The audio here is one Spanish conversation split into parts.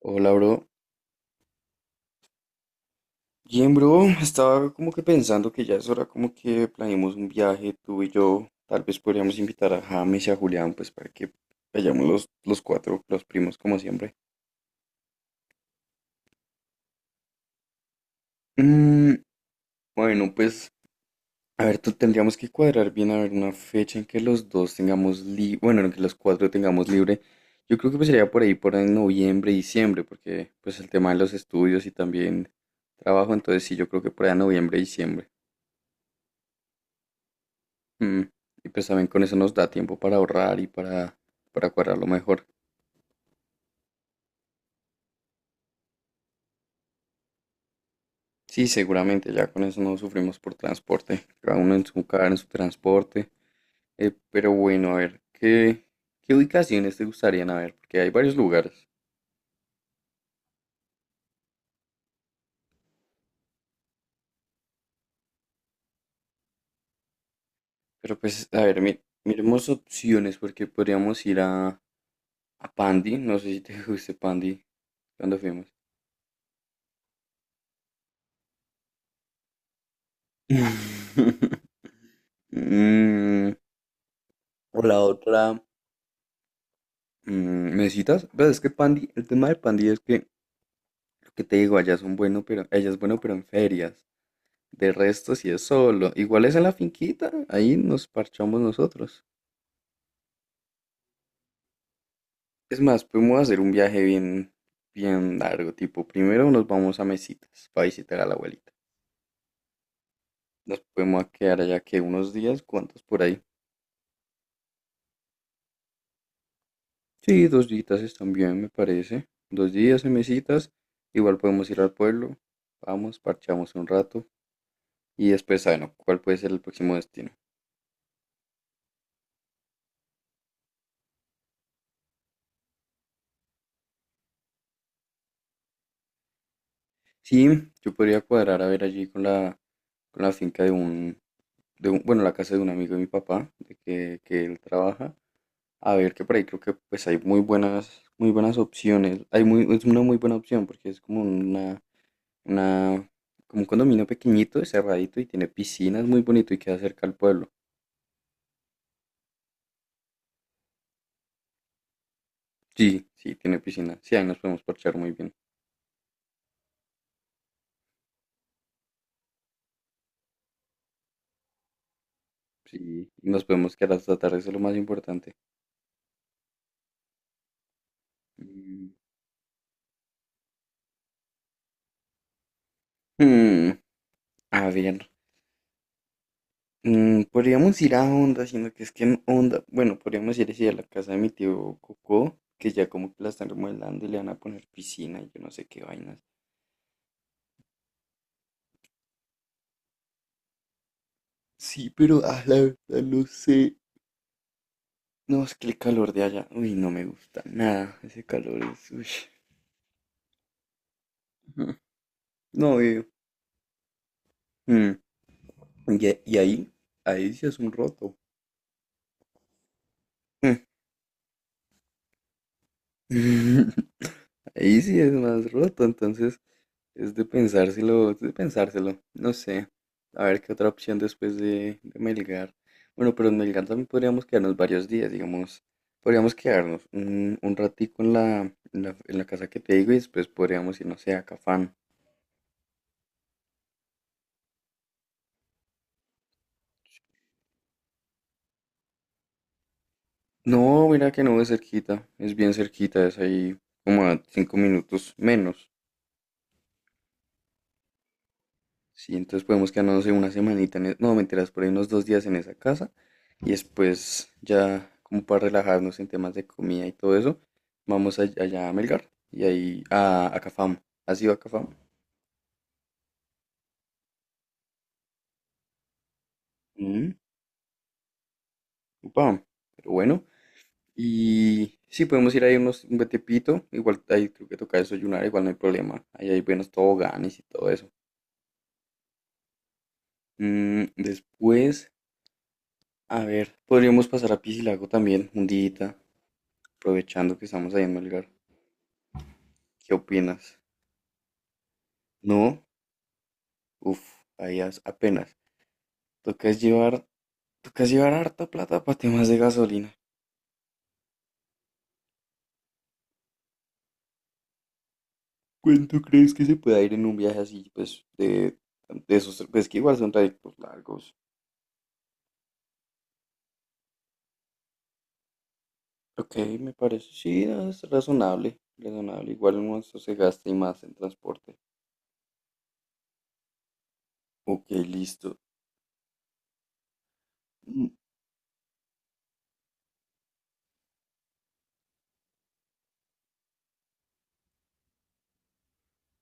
Hola, bro. Bien, bro. Estaba como que pensando que ya es hora como que planeemos un viaje, tú y yo. Tal vez podríamos invitar a James y a Julián, pues para que vayamos los cuatro, los primos, como siempre. Mm, bueno, pues, a ver, tú tendríamos que cuadrar bien, a ver, una fecha en que los dos tengamos libre, bueno, en que los cuatro tengamos libre. Yo creo que pues sería por ahí, por en noviembre, diciembre, porque pues el tema de los estudios y también trabajo, entonces sí, yo creo que por ahí en noviembre, diciembre. Mm, Y pues también con eso nos da tiempo para ahorrar y para cuadrarlo mejor. Sí, seguramente ya con eso no sufrimos por transporte, cada uno en su carro, en su transporte. Pero bueno, a ver, ¿qué ubicaciones te gustarían? A ver, porque hay varios lugares. Pero pues, a ver, miremos opciones porque podríamos ir a Pandi, no sé si te guste Pandi cuando fuimos. Mm, o la otra, ¿me citas? Pues es que Pandi, el tema de Pandi es que lo que te digo, allá son bueno, pero ella es bueno, pero en ferias. De resto, si es solo. Igual es en la finquita, ahí nos parchamos nosotros. Es más, podemos hacer un viaje bien, bien largo, tipo, primero nos vamos a Mesitas para visitar a la abuelita. Nos podemos quedar allá que unos días, ¿cuántos por ahí? Sí, 2 días están bien, me parece. 2 días en Mesitas, igual podemos ir al pueblo, vamos, parchamos un rato y después, bueno, ¿cuál puede ser el próximo destino? Sí, yo podría cuadrar a ver allí con la finca bueno, la casa de un amigo de mi papá, de que él trabaja. A ver, que por ahí creo que pues hay muy buenas opciones. Es una muy buena opción porque es una, como un condominio pequeñito, cerradito y tiene piscinas muy bonito y queda cerca al pueblo. Sí, sí, tiene piscina. Sí, ahí nos podemos parchar muy bien. Sí, nos podemos quedar hasta tarde, eso es lo más importante. Mm. Hmm, a ver, podríamos ir a Honda, sino que es que en Honda, bueno, podríamos ir así a la casa de mi tío Coco, que ya como que la están remodelando y le van a poner piscina y yo no sé qué vainas. Sí, pero la verdad no sé. No, es que el calor de allá, uy, no me gusta nada. Ese calor es, uy, mm, no veo. Mm, y ahí sí es un roto. Mm. Ahí sí es más roto, entonces. Es de pensárselo, es de pensárselo. No sé. A ver qué otra opción después de Melgar. Bueno, pero en Melgar también podríamos quedarnos varios días, digamos. Podríamos quedarnos un ratico en la casa que te digo y después podríamos ir, no sé, a Cafán. No, mira que no es cerquita. Es bien cerquita, es ahí como a 5 minutos menos. Sí, entonces podemos quedarnos no sé, una semanita. No, mentiras, por ahí unos 2 días en esa casa. Y después, ya como para relajarnos en temas de comida y todo eso, vamos allá a Melgar y ahí a Cafam. ¿Has ido a Cafam? Mm, Upa, pero bueno. Y sí, podemos ir ahí un buen tiempito. Igual ahí creo que toca desayunar, igual no hay problema. Ahí hay buenos toboganes y todo eso. Después, a ver, podríamos pasar a Piscilago también, un día, aprovechando que estamos ahí en Melgar. ¿Qué opinas? No, uff, ahí apenas. Toca es llevar Toca llevar harta plata para temas de gasolina. ¿Cuánto crees que se pueda ir en un viaje así, pues, de esos, pues que igual son trayectos largos? Ok, me parece, sí, no, es razonable, razonable. Igual uno se gasta y más en transporte. Ok, listo. Mm,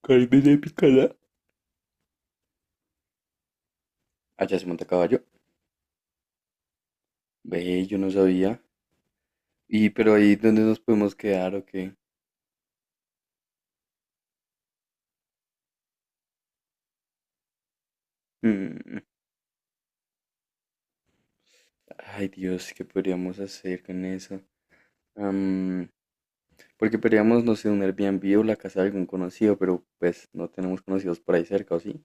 Carne de picada. Allá se monta a caballo. Ve, yo no sabía. Y, pero ahí, ¿dónde nos podemos quedar o qué? Mm, Ay, Dios, ¿qué podríamos hacer con eso? Porque podríamos, no sé, un Airbnb o la casa de algún conocido, pero pues no tenemos conocidos por ahí cerca, ¿o sí?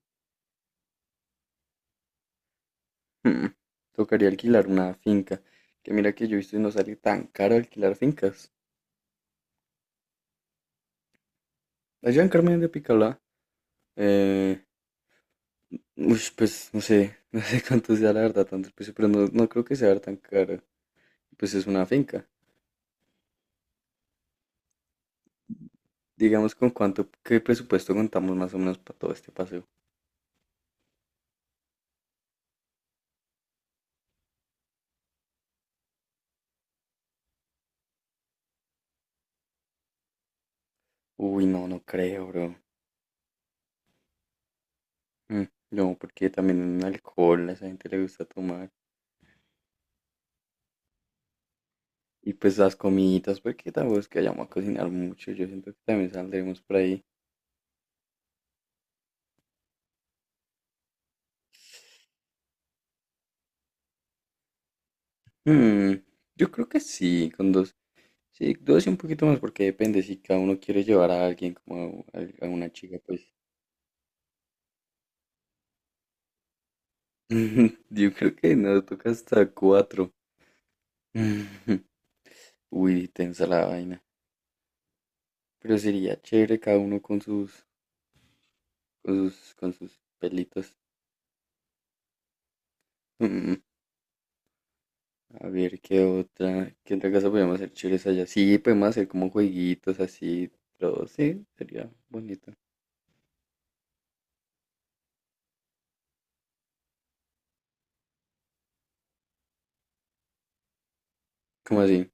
Hmm, Tocaría alquilar una finca. Que mira que yo he visto y no sale tan caro alquilar fincas. Allá en Carmen de Picalá, eh, ush, pues no sé, no sé cuánto sea la verdad, tanto el precio, pero no, no creo que sea tan caro. Pues es una finca. Digamos con cuánto, qué presupuesto contamos más o menos para todo este paseo. Uy, no, no creo, bro. Mm, No, porque también alcohol, a esa gente le gusta tomar. Y pues las comiditas, porque tampoco es que vayamos a cocinar mucho. Yo siento que también saldremos por ahí. Mm, yo creo que sí, con dos. Sí, dos y un poquito más, porque depende si cada uno quiere llevar a alguien como a una chica, pues. Yo creo que nos toca hasta cuatro. Uy, tensa la vaina. Pero sería chévere cada uno con con sus pelitos. A ver, ¿qué otra? ¿Qué otra cosa podríamos hacer chéveres allá? Sí, podemos hacer como jueguitos así, pero sí, sería bonito. ¿Cómo así?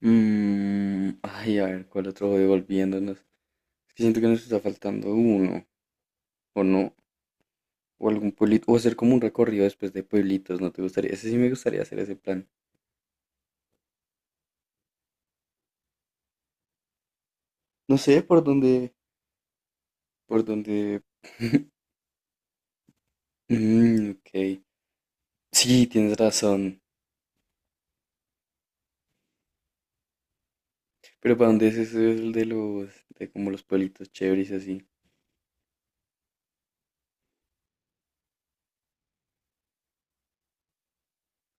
Ay, a ver, ¿cuál otro juego? Volviéndonos. Es que siento que nos está faltando uno, o no, o algún pueblito, o hacer como un recorrido después de pueblitos, ¿no te gustaría? Ese sí me gustaría hacer ese plan. No sé por dónde, por dónde. Mm, ok. Sí, tienes razón. Pero ¿para dónde es ese el de los, de como los pueblitos chéveres y así?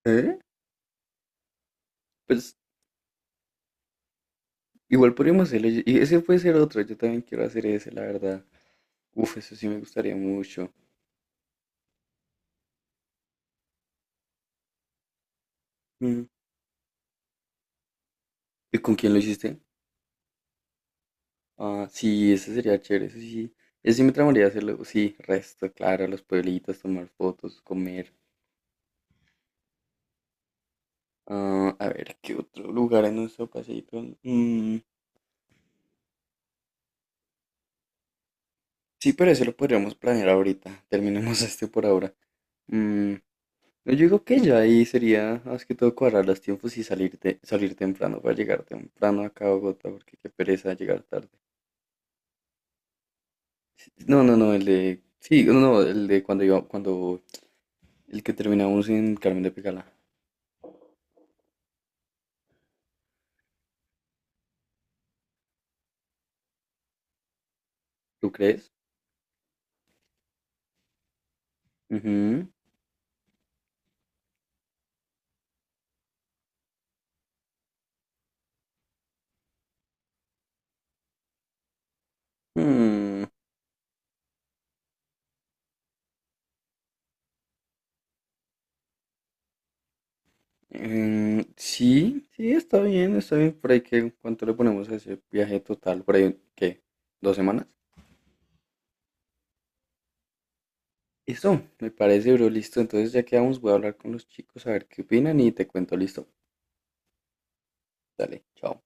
¿Eh? Pues igual podríamos hacerlo. Y ese puede ser otro. Yo también quiero hacer ese, la verdad. Uf, eso sí me gustaría mucho. Mm, ¿Y con quién lo hiciste? Ah, sí, ese sería chévere. Ese sí. Ese sí me tramaría hacerlo. Sí, resto, claro. Los pueblitos, tomar fotos, comer. Ah, a ver, ¿qué otro lugar en nuestro paseíto? Mm, sí, pero eso lo podríamos planear ahorita. Terminemos este por ahora. Mm, no, yo digo que ya ahí sería más que todo cuadrar los tiempos y salir temprano para llegar temprano acá a Bogotá, porque qué pereza llegar tarde. No, no, no, el de. Sí, no, no, el de cuando iba, cuando. El que terminamos en Carmen de Pegala. ¿Tú crees? Ujú. Mm, sí, sí, está bien, está bien. Por ahí que, ¿cuánto le ponemos a ese viaje total? Por ahí, ¿qué? ¿2 semanas? Eso, me parece, bro, listo. Entonces ya quedamos, voy a hablar con los chicos a ver qué opinan y te cuento, listo. Dale, chao.